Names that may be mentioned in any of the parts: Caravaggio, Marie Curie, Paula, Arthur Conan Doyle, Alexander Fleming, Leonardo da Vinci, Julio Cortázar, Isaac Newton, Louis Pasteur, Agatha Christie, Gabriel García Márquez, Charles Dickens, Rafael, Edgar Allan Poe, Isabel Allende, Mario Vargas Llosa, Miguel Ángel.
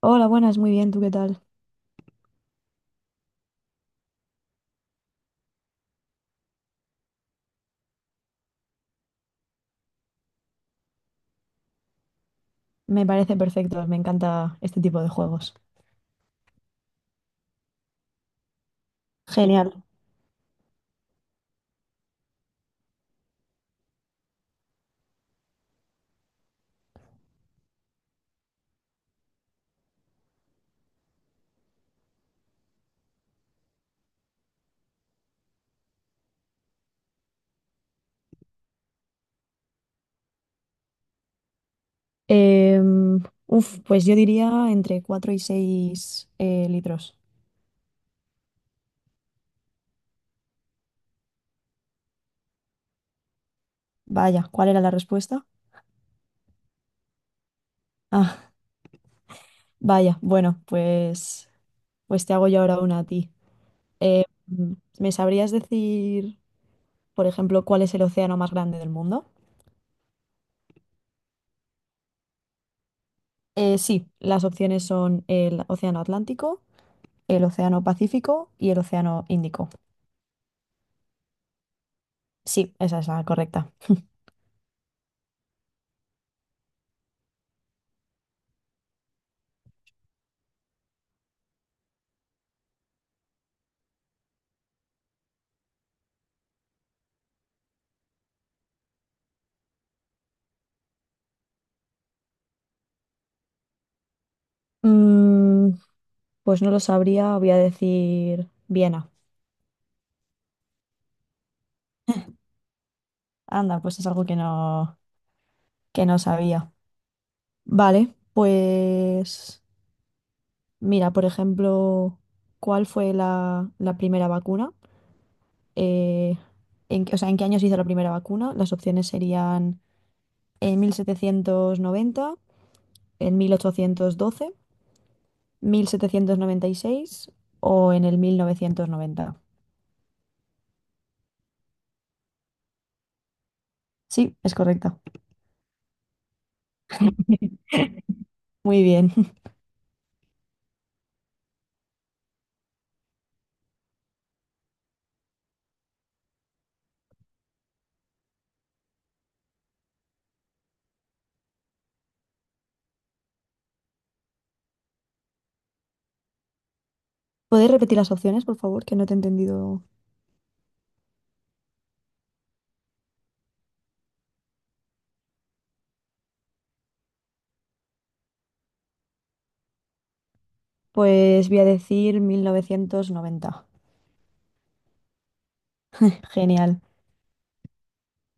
Hola, buenas, muy bien, ¿tú qué tal? Me parece perfecto, me encanta este tipo de juegos. Genial. Em, Uf, pues yo diría entre 4 y 6 litros. Vaya, ¿cuál era la respuesta? Ah, vaya, bueno, pues, pues te hago yo ahora una a ti. Em, ¿Me sabrías decir, por ejemplo, cuál es el océano más grande del mundo? Sí, las opciones son el océano Atlántico, el océano Pacífico y el océano Índico. Sí, esa es la correcta. Mm, pues no lo sabría, voy a decir Viena. Anda, pues es algo que no sabía. Vale, pues mira, por ejemplo, ¿cuál fue la primera vacuna? Eh, ¿En qué año se hizo la primera vacuna? Las opciones serían en 1790, en mil ochocientos doce, 1796 o en el 1990. Sí, es correcta. Muy bien. ¿Puedes repetir las opciones, por favor? Que no te he entendido. Pues voy a decir 1990. Genial.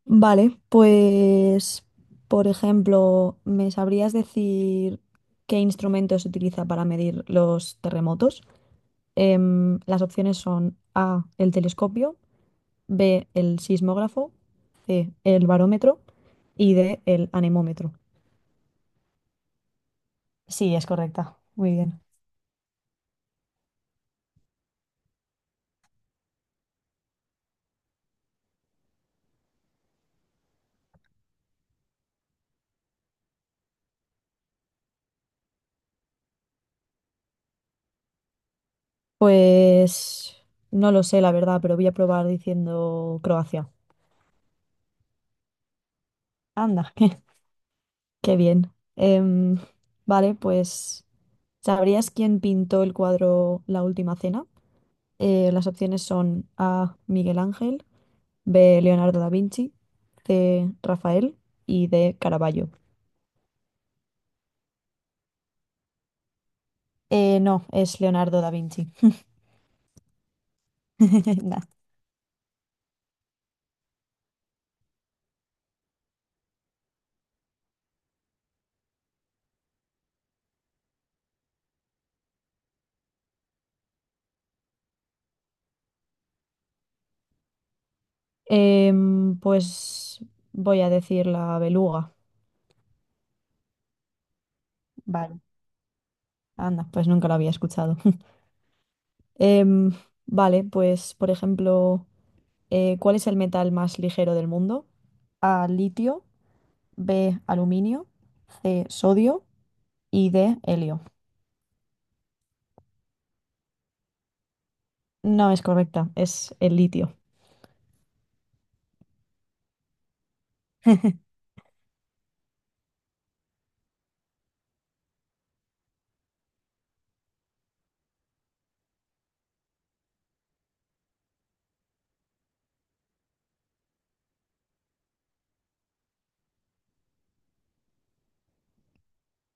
Vale, pues, por ejemplo, ¿me sabrías decir qué instrumento se utiliza para medir los terremotos? Las opciones son A, el telescopio, B, el sismógrafo, C, el barómetro y D, el anemómetro. Sí, es correcta. Muy bien. Pues no lo sé, la verdad, pero voy a probar diciendo Croacia. Anda, qué, qué bien. Em, vale, pues ¿sabrías quién pintó el cuadro La Última Cena? Las opciones son A. Miguel Ángel, B. Leonardo da Vinci, C. Rafael y D. Caravaggio. No, es Leonardo da Vinci. Nah. Pues voy a decir la beluga. Vale, anda, pues nunca lo había escuchado. Em, vale, pues por ejemplo, ¿cuál es el metal más ligero del mundo? A, litio, B, aluminio, C, sodio y D, helio. No es correcta, es el litio.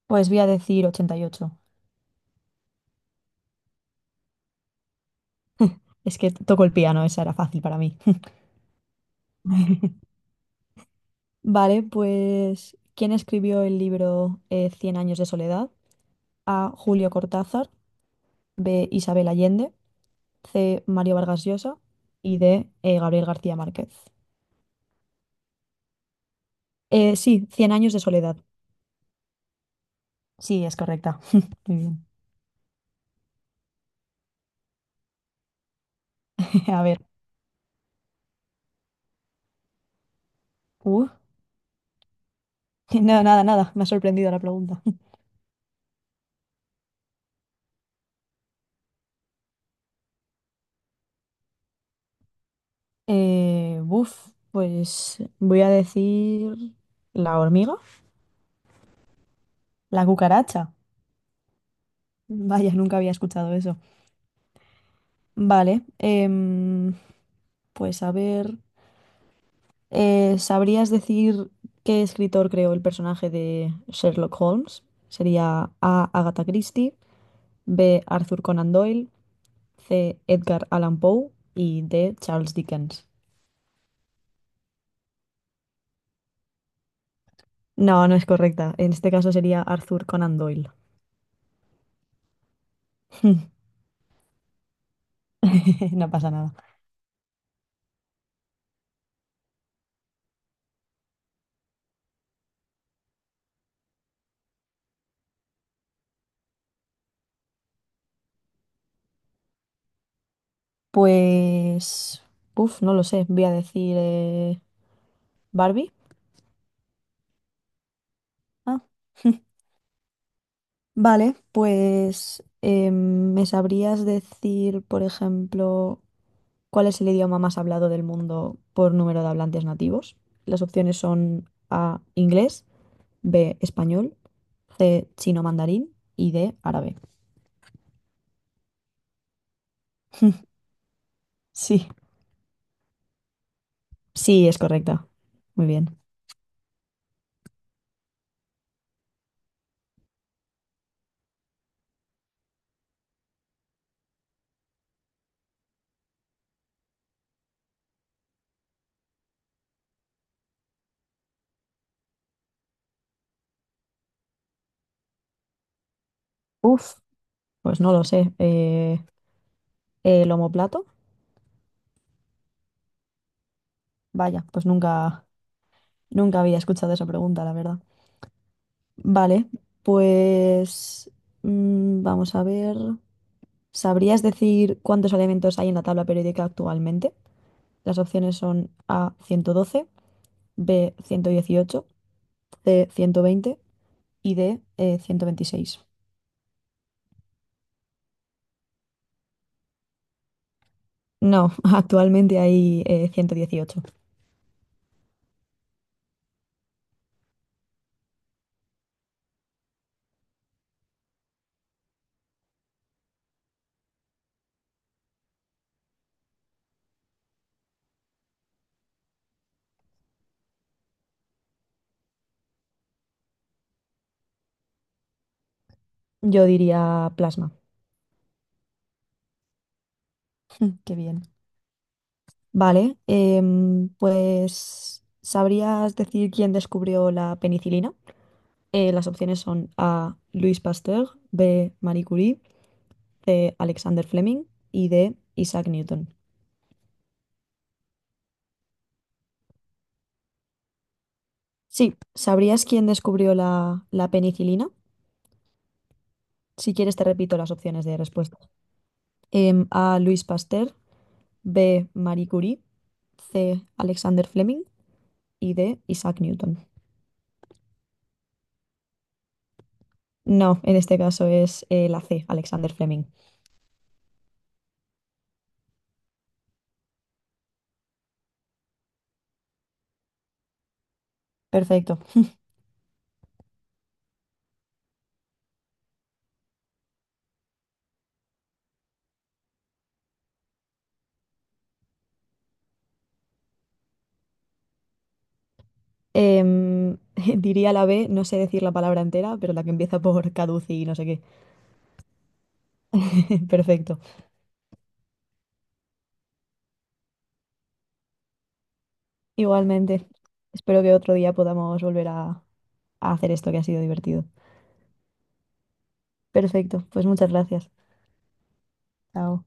Pues voy a decir 88. Es que toco el piano, esa era fácil para mí. Vale, pues ¿quién escribió el libro 100 años de soledad? A, Julio Cortázar, B, Isabel Allende, C, Mario Vargas Llosa y D, Gabriel García Márquez. Sí, 100 años de soledad. Sí, es correcta. Muy bien. A ver. Uh, nada, nada, nada. Me ha sorprendido la pregunta. Buf, pues voy a decir la hormiga, la cucaracha. Vaya, nunca había escuchado eso. Vale. Pues a ver. ¿Sabrías decir qué escritor creó el personaje de Sherlock Holmes? Sería A. Agatha Christie, B. Arthur Conan Doyle, C. Edgar Allan Poe y D. Charles Dickens. No, no es correcta. En este caso sería Arthur Conan Doyle. No pasa nada. Pues, uf, no lo sé. Voy a decir Barbie. Ah. Vale, pues ¿me sabrías decir, por ejemplo, cuál es el idioma más hablado del mundo por número de hablantes nativos? Las opciones son A, inglés, B, español, C, chino mandarín y D, árabe. Sí, sí, es correcta. Muy bien. Uf. Pues no lo sé. ¿El omoplato? Vaya, pues nunca, nunca había escuchado esa pregunta, la verdad. Vale, pues mm, vamos a ver. ¿Sabrías decir cuántos elementos hay en la tabla periódica actualmente? Las opciones son A 112, B 118, C 120 y D 126. No, actualmente hay 118. Yo diría plasma. Qué bien. Vale, pues ¿sabrías decir quién descubrió la penicilina? Las opciones son A. Louis Pasteur, B. Marie Curie, C. Alexander Fleming y D. Isaac Newton. Sí, ¿sabrías quién descubrió la penicilina? Si quieres te repito las opciones de respuesta. A. Louis Pasteur, B. Marie Curie, C. Alexander Fleming y D. Isaac Newton. No, en este caso es la C, Alexander Fleming. Perfecto. Em, Diría la B, no sé decir la palabra entera, pero la que empieza por caduci y no sé qué. Perfecto. Igualmente, espero que otro día podamos volver a hacer esto que ha sido divertido. Perfecto, pues muchas gracias. Chao.